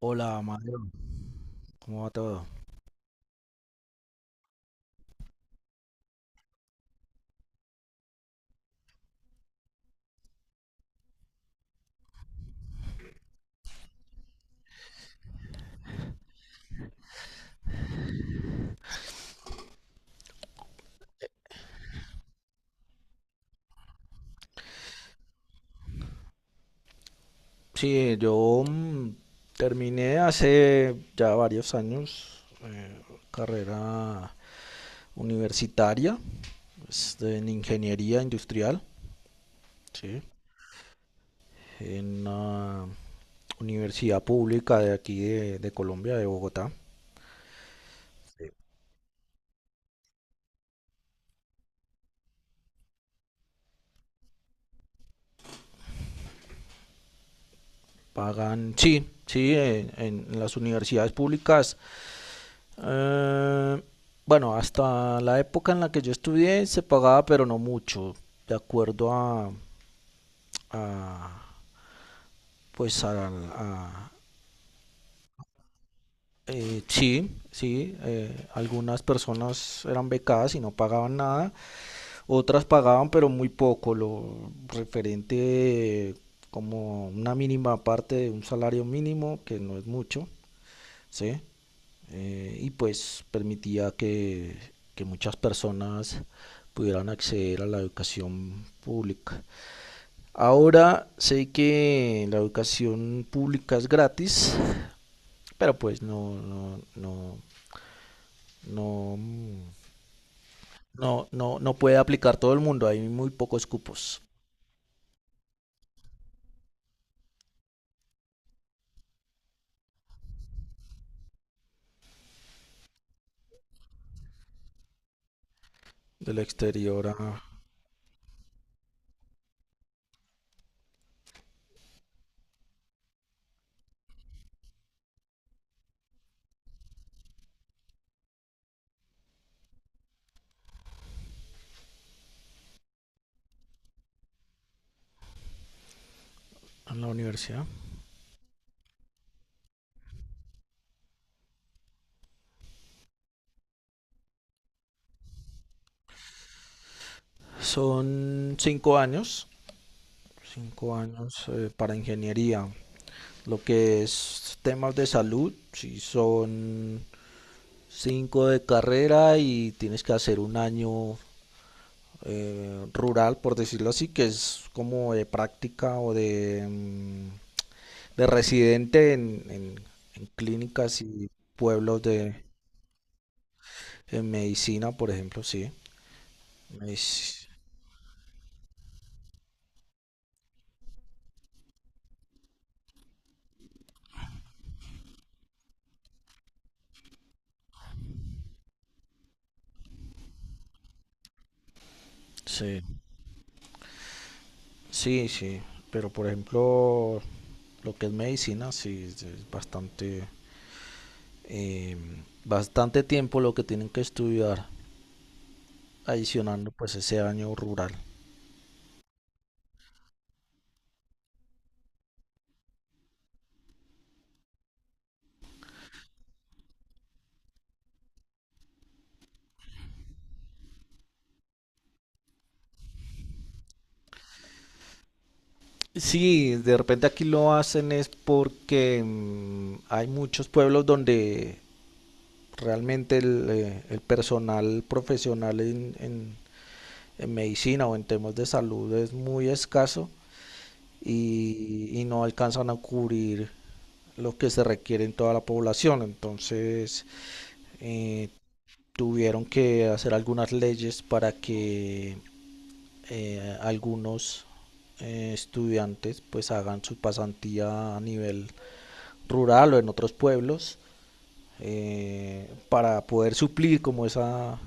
Hola, Mario, ¿cómo va todo? Sí, yo terminé hace ya varios años, carrera universitaria en ingeniería industrial, sí, en una universidad pública de aquí de Colombia, de Bogotá. Sí. Pagan, sí, sí, en las universidades públicas. eh, bueno, hasta la época en la que yo estudié se pagaba, pero no mucho, de acuerdo a, a- pues a, a- sí, sí, algunas personas eran becadas y no pagaban nada, otras pagaban pero muy poco, lo referente, como una mínima parte de un salario mínimo, que no es mucho, ¿sí? Y pues permitía que muchas personas pudieran acceder a la educación pública. Ahora sé que la educación pública es gratis, pero pues no, no puede aplicar todo el mundo. Hay muy pocos cupos del exterior a la universidad. Son 5 años, 5 años, para ingeniería. Lo que es temas de salud, si son cinco de carrera y tienes que hacer un año rural, por decirlo así, que es como de práctica o de residente en clínicas y pueblos de, en medicina, por ejemplo, sí. Medic- Sí. Sí, sí, pero por ejemplo, lo que es medicina, sí, es bastante, eh, bastante tiempo lo que tienen que estudiar, adicionando pues ese año rural. Sí, de repente aquí lo hacen es porque hay muchos pueblos donde realmente el personal profesional en medicina o en temas de salud es muy escaso, y no alcanzan a cubrir lo que se requiere en toda la población. Entonces, eh, tuvieron que hacer algunas leyes para que algunos estudiantes pues hagan su pasantía a nivel rural o en otros pueblos, para poder suplir como esa,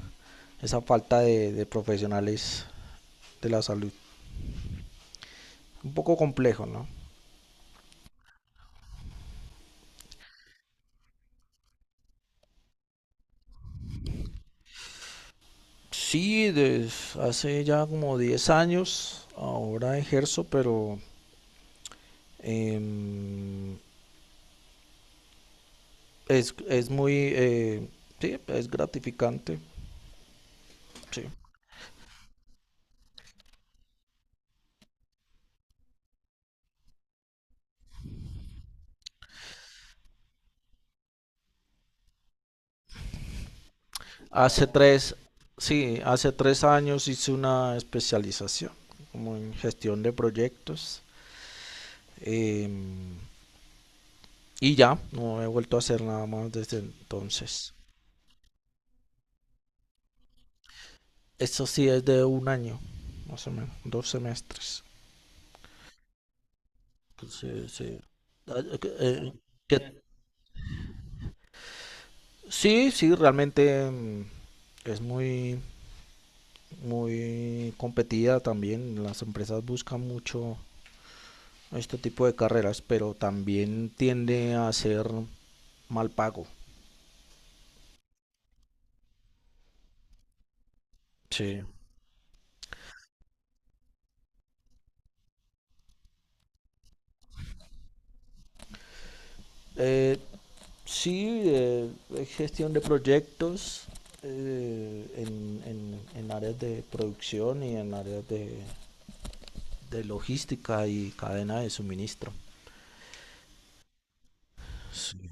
esa falta de profesionales de la salud. Un poco complejo, ¿no? Sí, desde hace ya como 10 años ahora ejerzo, pero em, es muy, sí, es gratificante, sí. Hace tres, sí, hace 3 años hice una especialización como en gestión de proyectos, em, y ya, no he vuelto a hacer nada más desde entonces. Eso sí es de un año, más o menos, 2 semestres. Sí, sí. Ah, eh, ¿qué- sí, sí, realmente, es muy, muy competida también. Las empresas buscan mucho este tipo de carreras, pero también tiende a ser mal pago. Sí. Eh, sí, es gestión de proyectos en áreas de producción y en áreas de logística y cadena de suministro. Sí.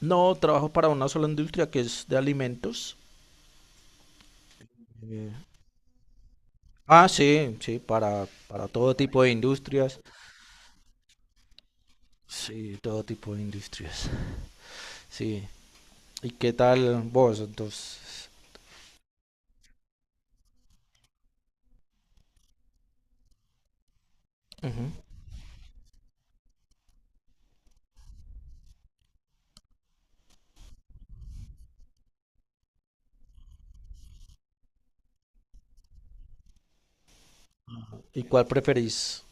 No, trabajo para una sola industria que es de alimentos. Eh, Ah, sí, sí, para todo tipo de industrias. Sí, todo tipo de industrias. Sí. ¿Y qué tal vos? Entonces, ujú. ¿Y cuál preferís?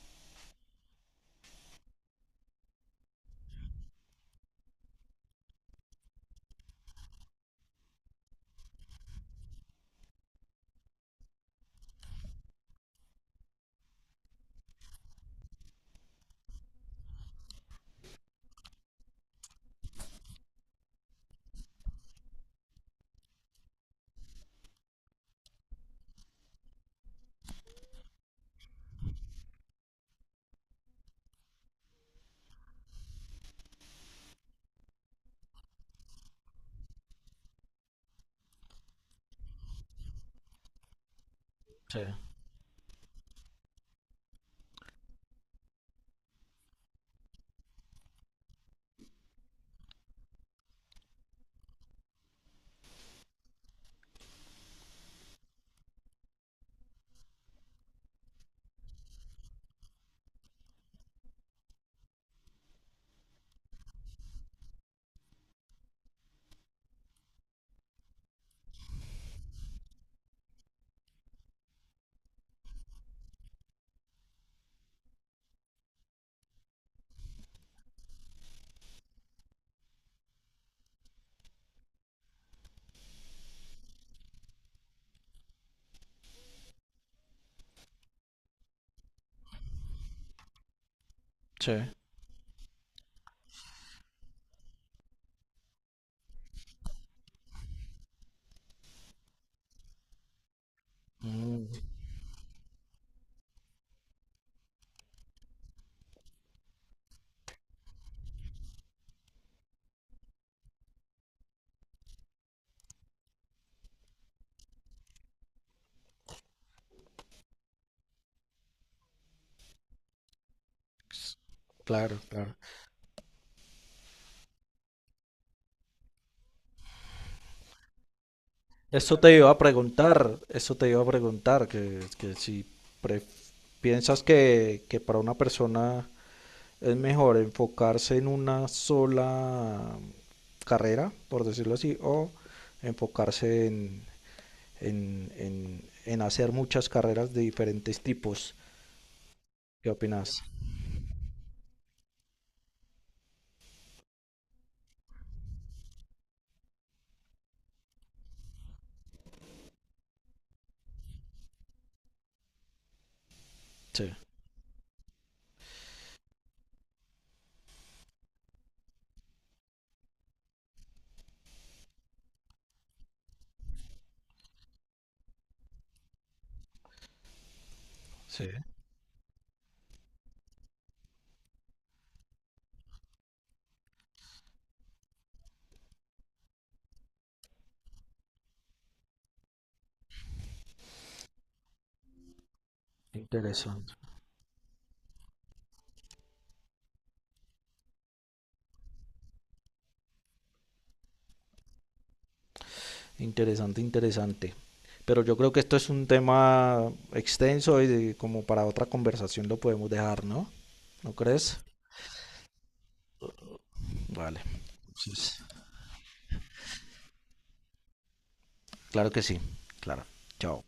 Sí, sí. Mm, s- claro, claro. Eso te iba a preguntar, eso te iba a preguntar, que si pre- piensas que para una persona es mejor enfocarse en una sola carrera, por decirlo así, o enfocarse en hacer muchas carreras de diferentes tipos. ¿Qué opinas? Sí, sí. Interesante, interesante, interesante. Pero yo creo que esto es un tema extenso y como para otra conversación lo podemos dejar, ¿no? ¿No crees? Vale. Entonces, claro que sí. Claro. Chao.